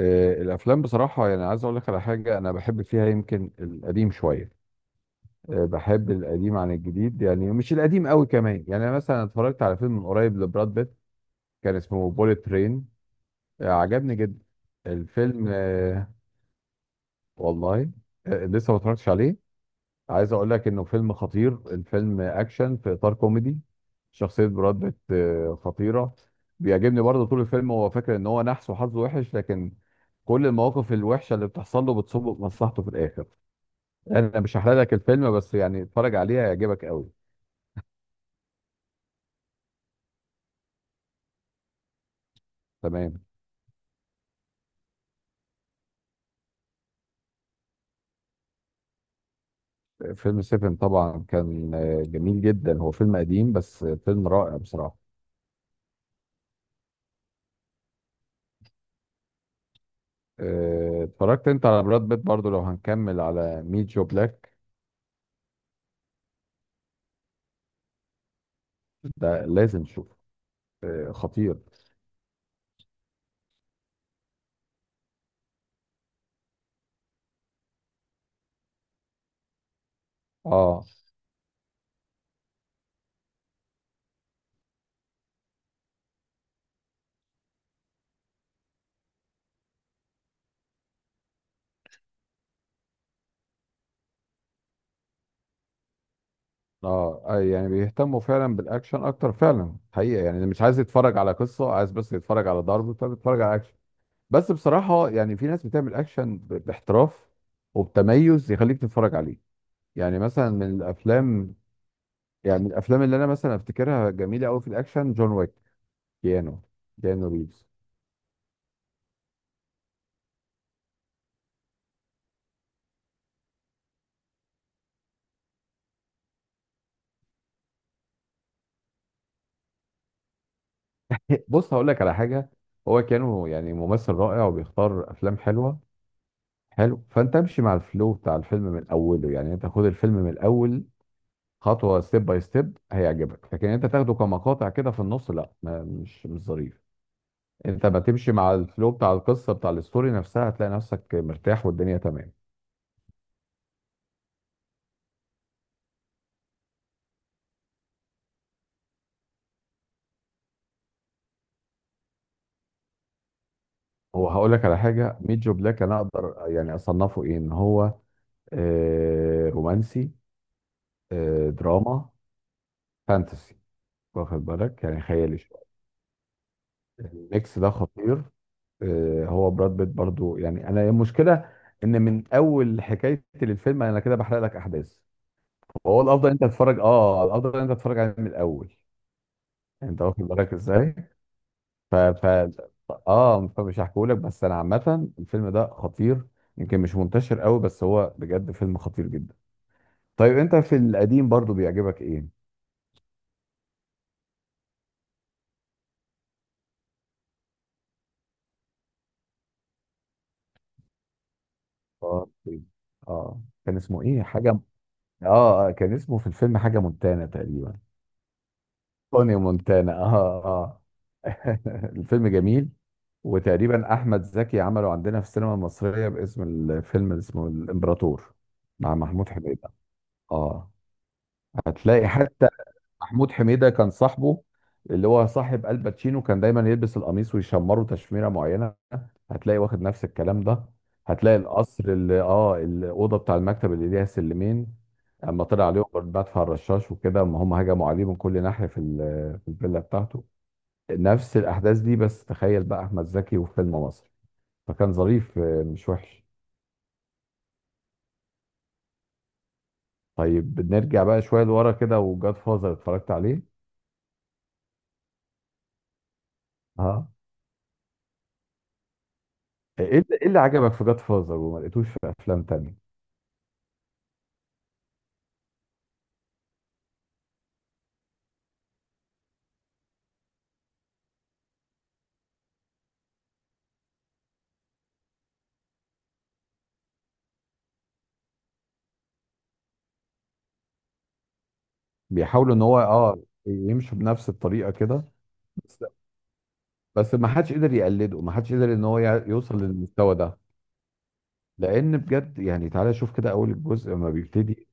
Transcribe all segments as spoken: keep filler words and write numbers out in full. آه، الافلام بصراحه، يعني عايز اقول لك على حاجه، انا بحب فيها يمكن القديم شويه. آه، بحب القديم عن الجديد، يعني مش القديم قوي كمان. يعني أنا مثلا اتفرجت على فيلم من قريب لبراد بيت، كان اسمه بوليت ترين. عجبني جدا. الفيلم. آه، والله. آه، لسه ما اتفرجتش عليه. عايز اقول لك انه فيلم خطير، الفيلم اكشن في اطار كوميدي. شخصيه براد بيت آه، خطيره. بيعجبني برضه. طول الفيلم هو فاكر ان هو نحس وحظه وحش، لكن كل المواقف الوحشه اللي بتحصل له بتصب في مصلحته في الاخر. انا مش هحرق لك الفيلم، بس يعني اتفرج عليه هيعجبك قوي. تمام. فيلم سيفن طبعا كان آه، جميل جدا. هو فيلم قديم بس فيلم رائع بصراحه. آه، اتفرجت انت على براد بيت برضه؟ لو هنكمل على ميت جو بلاك. ده لازم تشوفه. آه، خطير. اه. اه. آه، يعني بيهتموا فعلا بالاكشن اكتر، فعلا حقيقه، يعني مش عايز يتفرج على قصه، عايز بس يتفرج على ضرب، فبيتفرج على اكشن. بس بصراحه يعني في ناس بتعمل اكشن ب- باحتراف، وبتميز يخليك تتفرج عليه. يعني مثلا من الافلام يعني من الافلام اللي انا مثلا افتكرها جميله قوي في الاكشن، جون ويك. كيانو كيانو ريفز. بص هقول لك على حاجه. هو كيانو يعني ممثل رائع وبيختار افلام حلوه. حلو، فانت امشي مع الفلو بتاع الفيلم من اوله، يعني انت خد الفيلم من الاول، خطوه، ستيب باي ستيب، هيعجبك. لكن انت تاخده كمقاطع كده في النص، لا ما مش مش ظريف. انت ما تمشي مع الفلو بتاع القصه بتاع الستوري نفسها، هتلاقي نفسك مرتاح والدنيا تمام. هو هقول لك على حاجه، ميت جو بلاك انا اقدر يعني اصنفه ايه؟ ان هو آه رومانسي، آه دراما، فانتسي. واخد بالك؟ يعني خيالي شويه. الميكس ده خطير. آه، هو براد بيت برضو. يعني انا المشكله ان من اول حكايتي للفيلم انا كده بحرق لك احداث. وهو الافضل انت تتفرج، اه الافضل انت تتفرج عليه من الاول، يعني انت واخد بالك ازاي؟ ف ف اه، فمش هحكيهولك. بس انا عامه الفيلم ده خطير، يمكن مش منتشر قوي، بس هو بجد فيلم خطير جدا. طيب انت في القديم برضو بيعجبك ايه؟ اه. اه. كان اسمه ايه حاجه؟ اه، آه، كان اسمه في الفيلم حاجه مونتانا تقريبا. توني مونتانا. اه. اه. الفيلم جميل. وتقريبا احمد زكي عمله عندنا في السينما المصريه، باسم الفيلم اللي اسمه الامبراطور، مع محمود حميده. اه. هتلاقي حتى محمود حميده كان صاحبه، اللي هو صاحب الباتشينو، كان دايما يلبس القميص ويشمره تشميره معينه. هتلاقي واخد نفس الكلام ده. هتلاقي القصر اللي، اه، الاوضه بتاع المكتب اللي ليها سلمين، اما طلع عليهم مدفع الرشاش وكده، اما هم هجموا عليه من كل ناحيه في ال- في الفيلا بتاعته. نفس الاحداث دي، بس تخيل بقى احمد زكي وفيلم مصري، فكان ظريف آه، مش وحش. طيب نرجع بقى شويه لورا كده، وجاد فازر اتفرجت عليه؟ اه. ايه اللي إيه اللي عجبك في جاد فازر وما لقيتوش في افلام تانية؟ بيحاولوا ان هو، اه، يمشوا بنفس الطريقه كده. بس بس ما حدش قدر يقلده، ما حدش قدر ان هو يع- يوصل للمستوى ده. لان بجد يعني تعالى شوف كده اول الجزء لما بيبتدي.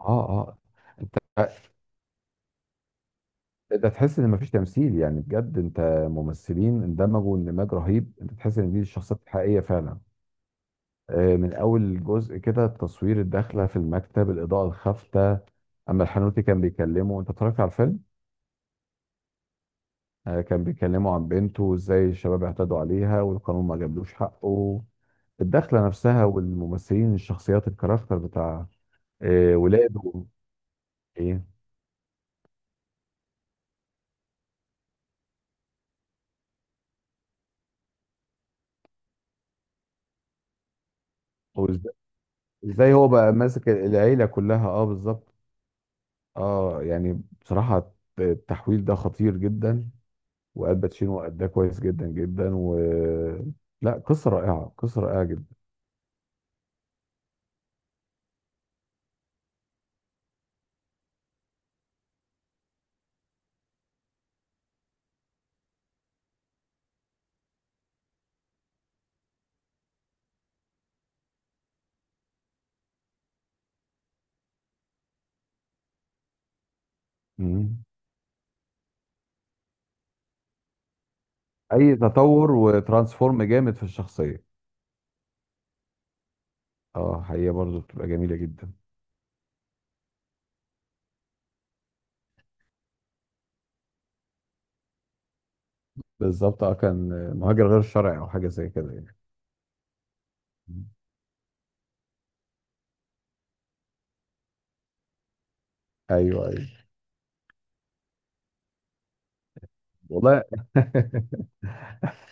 اه. اه. انت، ده تحس ان مفيش تمثيل، يعني بجد، انت، ممثلين اندمجوا اندماج رهيب، انت تحس ان دي الشخصيات الحقيقيه فعلا. آه، من اول جزء كده، التصوير، الداخله في المكتب، الاضاءه الخافته، اما الحنوتي كان بيكلمه، انت اتفرجت على الفيلم؟ آه، كان بيكلمه عن بنته، وازاي الشباب اعتدوا عليها والقانون ما جابلوش حقه، الدخله نفسها، والممثلين، الشخصيات، الكاركتر بتاع، آه، ولاده. ايه؟ وازاي؟ إزاي هو بقى ماسك العيله كلها؟ اه، بالظبط. اه، يعني بصراحة التحويل ده خطير جدا. والباتشينو أداه كويس جدا جدا. و، لا قصة رائعة، قصة رائعة جدا. مم. أي تطور وترانسفورم جامد في الشخصية. اه، حقيقة برضو بتبقى جميلة جدا. بالظبط. اه، كان مهاجر غير شرعي، أو حاجة زي كده يعني. مم. أيوه، أيوه. والله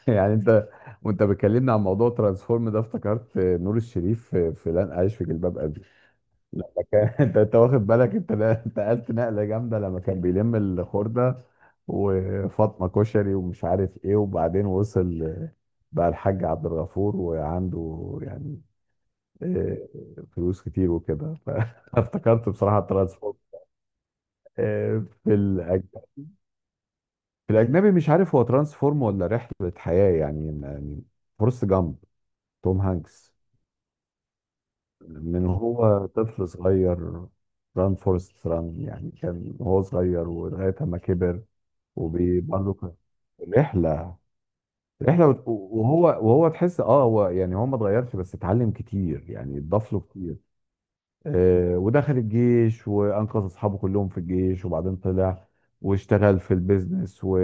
يعني أنت، وأنت بتكلمني عن موضوع ترانسفورم ده افتكرت نور الشريف في في لن أعيش في جلباب أبي، لما كان انت انت واخد بالك؟ انت لا- نقلت نقله جامده لما كان بيلم الخرده وفاطمه كشري ومش عارف ايه، وبعدين وصل بقى الحاج عبد الغفور، وعنده يعني، اه، فلوس كتير وكده. فافتكرت بصراحه ترانسفورم. اه، في الأج... في الاجنبي مش عارف هو ترانسفورم ولا رحله حياه، يعني يعني. فورست جامب. توم هانكس. من هو طفل صغير، ران فورست ران، يعني كان هو صغير ولغايه ما كبر. وبرضه كان رحلة رحلة وت- وهو وهو تحس، اه، هو يعني هو ما اتغيرش بس اتعلم كتير، يعني اتضاف له كتير. آه، ودخل الجيش وانقذ اصحابه كلهم في الجيش، وبعدين طلع واشتغل في البيزنس، و...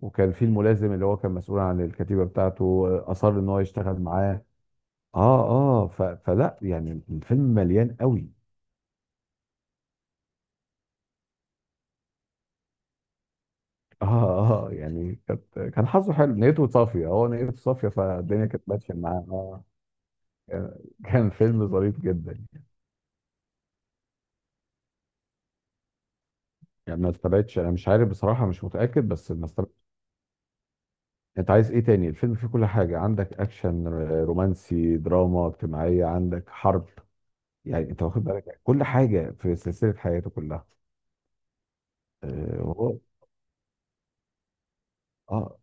وكان في الملازم اللي هو كان مسؤول عن الكتيبة بتاعته، آه، اصر ان هو يشتغل معاه. اه. اه. ف... فلا يعني الفيلم مليان قوي. اه. اه. يعني كانت، كان حظه حلو، نيته صافية، هو نيته صافية فالدنيا كانت ماشية معاه. اه. كان كان فيلم ظريف جدا. يعني ما استبعدش، انا مش عارف بصراحه، مش متاكد، بس ما استبعدش. انت عايز ايه تاني؟ الفيلم فيه كل حاجه عندك، اكشن، ر- رومانسي، دراما اجتماعيه، عندك حرب، يعني انت واخد بالك كل حاجه في سلسله حياته كلها. اه وهو- آه،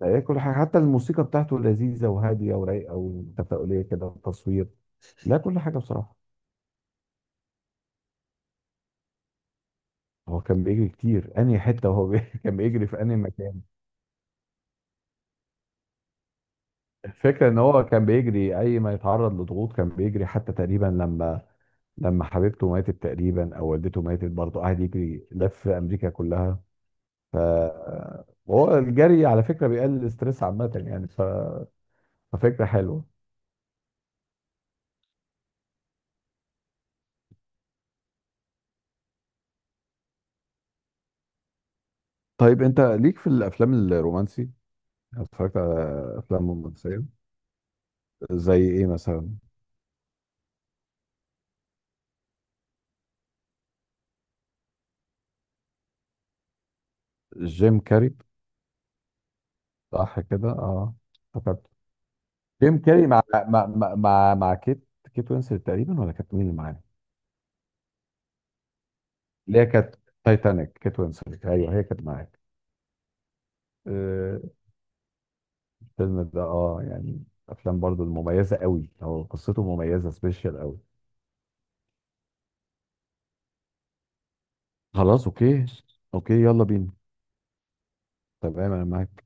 تلاقيه كل حاجه، حتى الموسيقى بتاعته لذيذه وهاديه ورايقه وتفاؤليه كده، والتصوير، لا كل حاجه بصراحه. هو كان بيجري كتير، انهي حته وهو بي... كان بيجري في انهي مكان. الفكرة ان هو كان بيجري اي ما يتعرض لضغوط كان بيجري، حتى تقريبا لما، لما حبيبته ماتت تقريبا او والدته ماتت برضه قعد يجري لف امريكا كلها. ف- وهو الجري على فكرة بيقلل الاستريس عامة يعني، ف... ففكرة حلوة. طيب انت ليك في الافلام الرومانسي، اتفرجت على افلام رومانسية زي ايه مثلا؟ جيم كاري. صح كده. اه، افتكرت. جيم كاري مع مع مع مع كيت. كيت وينسلت تقريبا، ولا كانت مين اللي معاه؟ اللي هي كانت، تايتانيك، كيت وينسلت، ايوه هي كانت معاك. آه، الفيلم ده، اه يعني، افلام برضو المميزه قوي، هو قصته مميزه سبيشال قوي. خلاص اوكي. اوكي يلا بينا. تمام انا معاك.